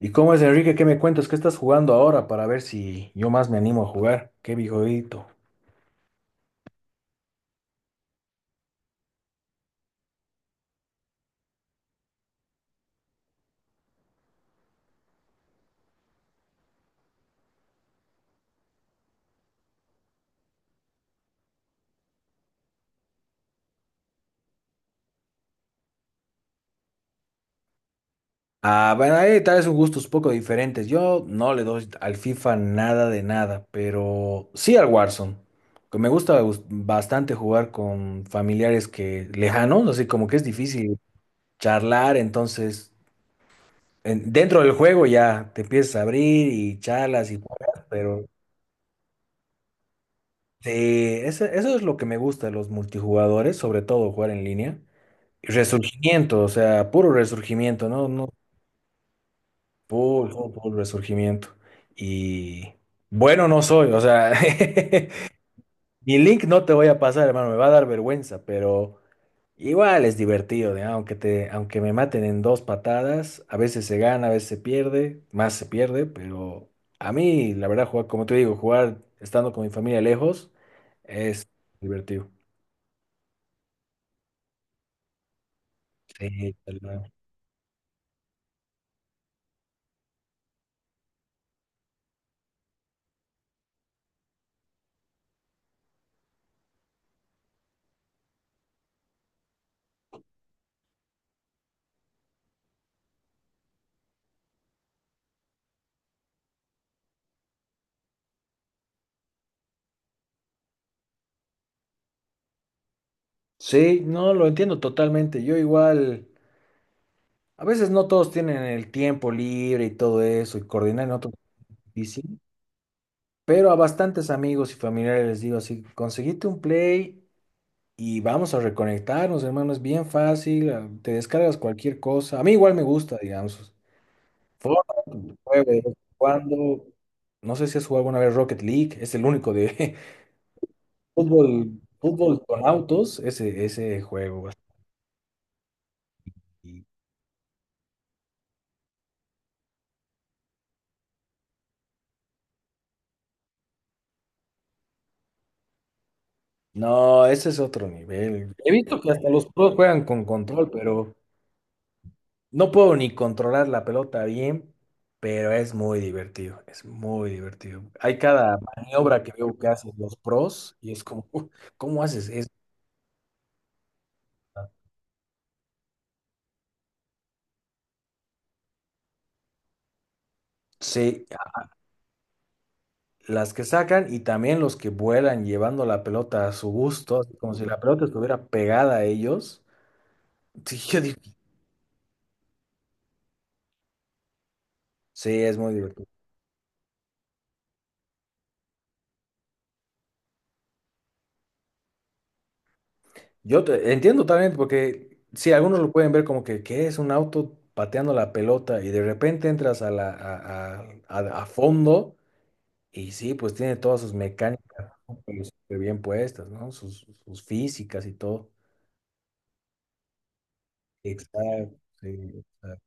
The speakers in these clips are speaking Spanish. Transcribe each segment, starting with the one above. ¿Y cómo es, Enrique? ¿Qué me cuentas? ¿Qué estás jugando ahora para ver si yo más me animo a jugar? ¡Qué viejito! Ah, bueno, ahí tal vez son gustos poco diferentes. Yo no le doy al FIFA nada de nada, pero sí al Warzone. Que me gusta bastante jugar con familiares que lejanos, así como que es difícil charlar, entonces dentro del juego ya te empiezas a abrir y charlas y juegas, pero sí, eso es lo que me gusta de los multijugadores, sobre todo jugar en línea. Resurgimiento, o sea, puro resurgimiento, ¿no? No, full, full, full resurgimiento. Y bueno, no soy, o sea, mi link no te voy a pasar, hermano, me va a dar vergüenza, pero igual es divertido, ¿ya? Aunque me maten en dos patadas, a veces se gana, a veces se pierde, más se pierde, pero a mí, la verdad, jugar, como te digo, jugar estando con mi familia lejos es divertido. Sí, tal cual. Sí, no, lo entiendo totalmente. Yo igual. A veces no todos tienen el tiempo libre y todo eso, y coordinar en otro es difícil, pero a bastantes amigos y familiares les digo así, conseguite un play y vamos a reconectarnos, hermano, es bien fácil, te descargas cualquier cosa. A mí igual me gusta, digamos, juego de vez en cuando, no sé si has jugado alguna vez Rocket League, es el único de fútbol, fútbol con autos, ese juego. Así. No, ese es otro nivel. He visto que hasta los pros juegan con control, pero. No puedo ni controlar la pelota bien, pero es muy divertido, es muy divertido. Hay cada maniobra que veo que hacen los pros y es como: ¿cómo haces eso?". Sí, las que sacan y también los que vuelan llevando la pelota a su gusto, así como si la pelota estuviera pegada a ellos. Sí, yo digo, sí, es muy divertido. Yo entiendo también porque sí, algunos lo pueden ver como que, ¿qué es un auto pateando la pelota y de repente entras a la, a fondo? Y sí, pues tiene todas sus mecánicas, ¿no? Pero súper bien puestas, ¿no? Sus físicas y todo. Exacto, sí, exacto.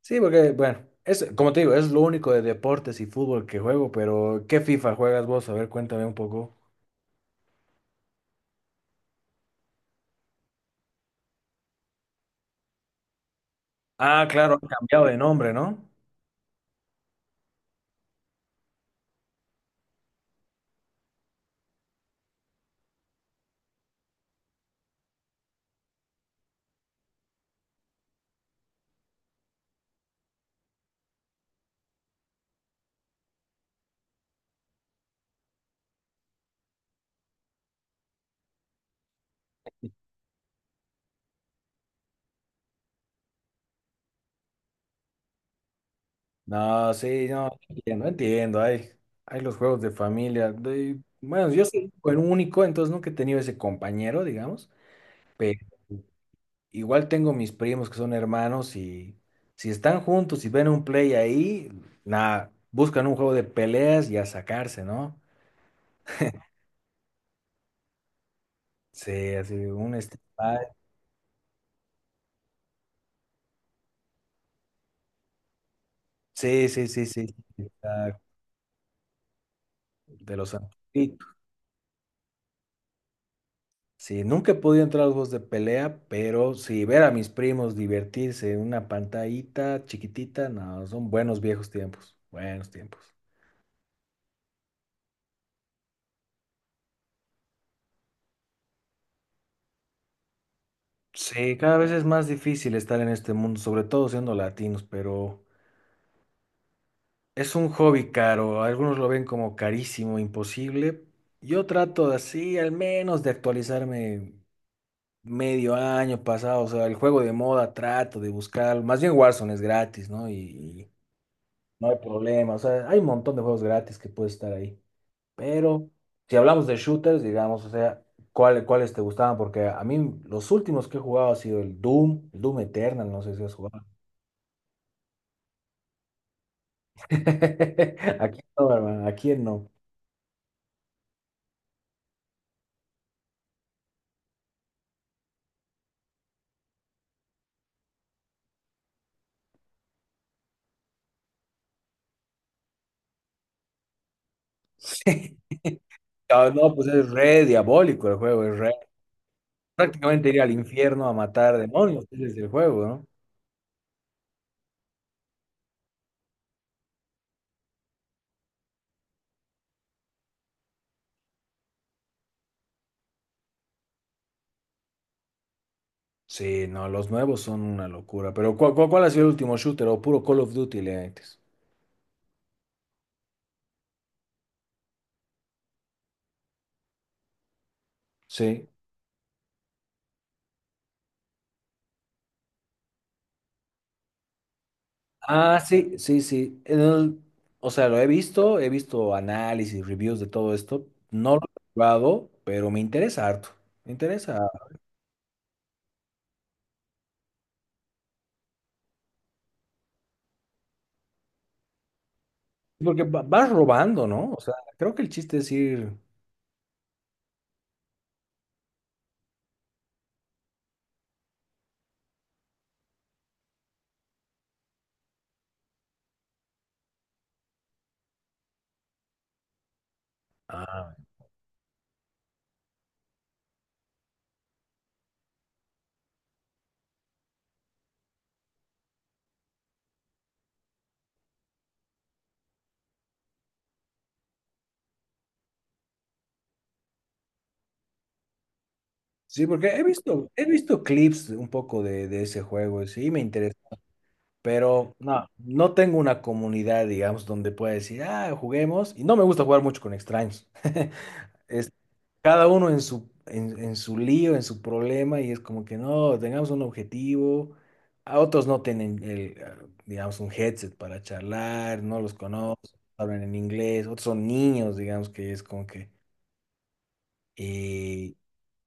Sí, porque, bueno, es, como te digo, es lo único de deportes y fútbol que juego, pero ¿qué FIFA juegas vos? A ver, cuéntame un poco. Ah, claro, han cambiado de nombre, ¿no? No, sí, no, entiendo, entiendo. Hay los juegos de familia. Bueno, yo soy el único, entonces nunca he tenido ese compañero, digamos. Igual tengo mis primos que son hermanos y si están juntos y ven un play ahí, nada, buscan un juego de peleas y a sacarse, ¿no? Sí, así un Street Fighter. Sí, sí, sí, sí. Está. De los antiguitos. Sí, nunca he podido entrar a los juegos de pelea, pero sí, ver a mis primos divertirse en una pantallita chiquitita, no, son buenos viejos tiempos, buenos tiempos. Sí, cada vez es más difícil estar en este mundo, sobre todo siendo latinos, pero. Es un hobby caro, algunos lo ven como carísimo, imposible. Yo trato de así, al menos de actualizarme medio año pasado, o sea, el juego de moda trato de buscar, más bien Warzone es gratis, ¿no? Y no hay problema, o sea, hay un montón de juegos gratis que puede estar ahí. Pero si hablamos de shooters, digamos, o sea, ¿Cuáles te gustaban? Porque a mí los últimos que he jugado ha sido el Doom Eternal, no sé si has jugado. Aquí no, hermano, aquí no. Ah, no, pues es re diabólico el juego, es re. Prácticamente ir al infierno a matar demonios desde el juego, ¿no? Sí, no, los nuevos son una locura. Pero ¿cuál ha sido el último shooter o puro Call of Duty le metes? Sí. Ah, sí, sí, sí. O sea, lo he visto análisis, reviews de todo esto. No lo he jugado, pero me interesa harto. Me interesa. Porque vas robando, ¿no? O sea, creo que el chiste es ir. Ah. Sí, porque he visto, clips un poco de ese juego, y sí, me interesa, pero no tengo una comunidad, digamos, donde pueda decir, ah, juguemos, y no me gusta jugar mucho con extraños. Es cada uno en su lío, en su problema, y es como que no, tengamos un objetivo, a otros no tienen, digamos, un headset para charlar, no los conozco, hablan en inglés, otros son niños, digamos, que es como que. eh,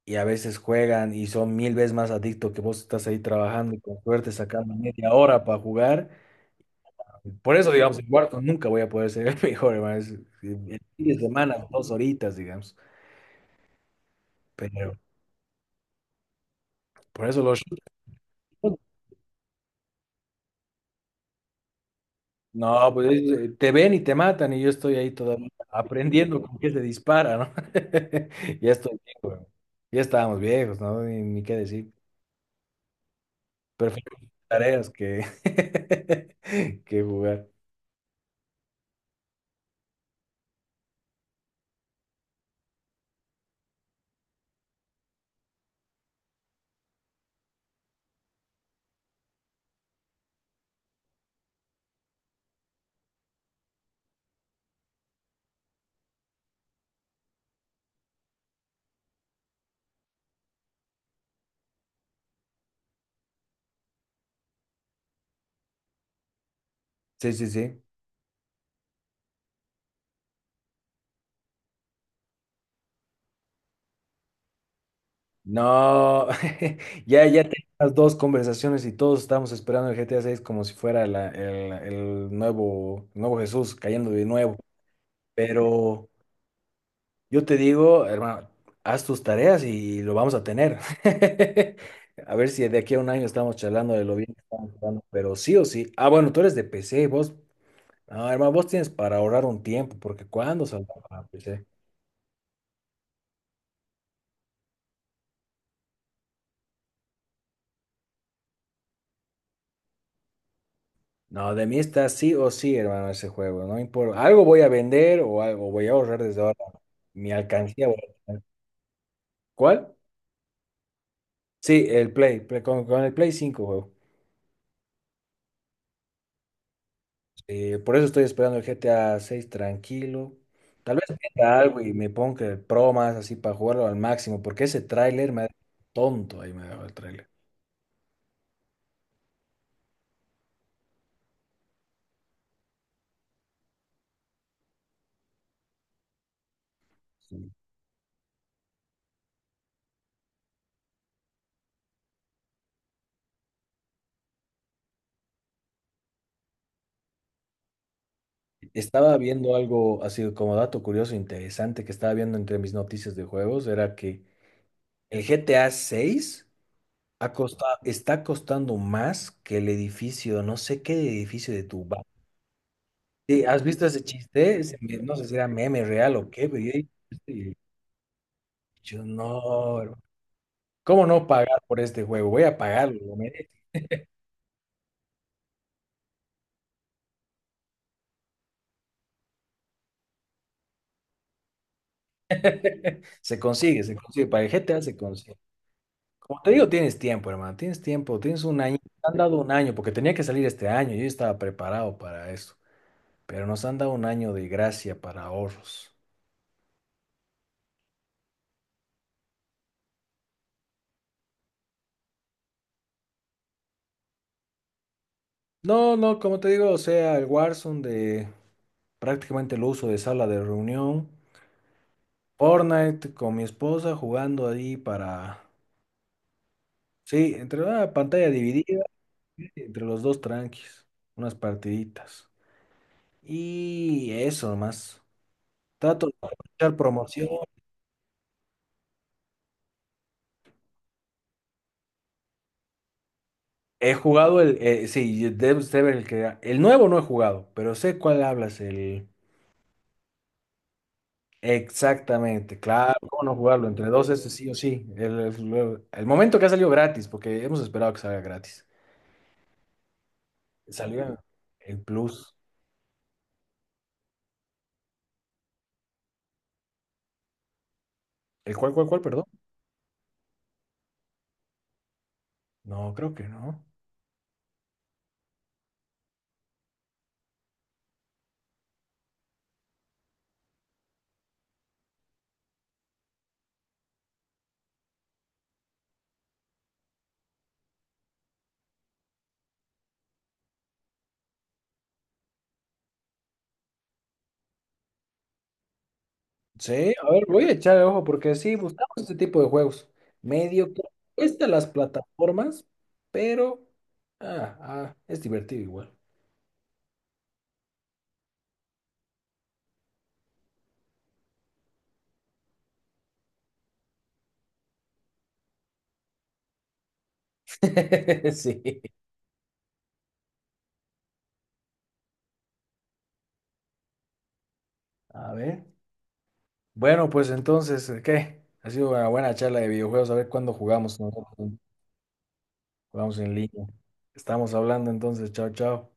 y a veces juegan y son mil veces más adictos que vos estás ahí trabajando y con suerte sacando media hora para jugar. Por eso, digamos, en cuarto nunca voy a poder ser el mejor, hermano. Es, el fin de semana, dos horitas, digamos. Pero por eso los shooters. No, pues te ven y te matan y yo estoy ahí todavía aprendiendo con qué se dispara, ¿no? Ya estoy viejo, ya estábamos viejos, ¿no? Ni qué decir. Prefiero tareas que, que jugar. Sí, sí, sí. No, ya tenemos dos conversaciones y todos estamos esperando el GTA 6 como si fuera el nuevo, el nuevo Jesús cayendo de nuevo. Pero yo te digo, hermano, haz tus tareas y lo vamos a tener. A ver si de aquí a un año estamos charlando de lo bien que estamos jugando, pero sí o sí. Ah, bueno, tú eres de PC, vos, hermano, vos tienes para ahorrar un tiempo, porque ¿cuándo saldrá para PC? No, de mí está sí o sí, hermano, ese juego. No importa. Algo voy a vender o algo voy a ahorrar desde ahora. Mi alcancía voy a tener. ¿Cuál? Sí, el Play. Con el Play 5 juego. Por eso estoy esperando el GTA 6 tranquilo. Tal vez venda algo y me ponga el Pro más así para jugarlo al máximo, porque ese tráiler me ha tonto. Ahí me ha dejado el tráiler. Sí. Estaba viendo algo así como dato curioso, interesante que estaba viendo entre mis noticias de juegos, era que el GTA 6 está costando más que el edificio, no sé qué edificio de tu banco. Sí, ¿has visto ese chiste? No sé si era meme real o qué, pero yo, dije: Yo, no, hermano, ¿cómo no pagar por este juego? Voy a pagarlo". ¿No? Se consigue, para el GTA se consigue. Como te digo, tienes tiempo, hermano, tienes tiempo, tienes un año, te han dado un año, porque tenía que salir este año, yo estaba preparado para eso, pero nos han dado un año de gracia para ahorros. No, no, como te digo, o sea, el Warzone. De Prácticamente lo uso de sala de reunión. Fortnite con mi esposa jugando ahí para. Sí, entre una pantalla dividida, entre los dos tranquis, unas partiditas. Y eso nomás. Trato de aprovechar promoción. He jugado el, sí, debes de ver el que. El nuevo no he jugado, pero sé cuál hablas, el. Exactamente, claro, ¿cómo no jugarlo? Entre dos, ese sí o sí. El momento que ha salido gratis, porque hemos esperado que salga gratis. Salió el Plus. ¿El cuál, perdón? No, creo que no. Sí, a ver, voy a echarle ojo porque sí, buscamos este tipo de juegos. Medio que cuesta las plataformas, pero es divertido igual. Sí. A ver. Bueno, pues entonces, ¿qué? Ha sido una buena charla de videojuegos. A ver cuándo jugamos nosotros. Jugamos en línea. Estamos hablando entonces. Chao, chao.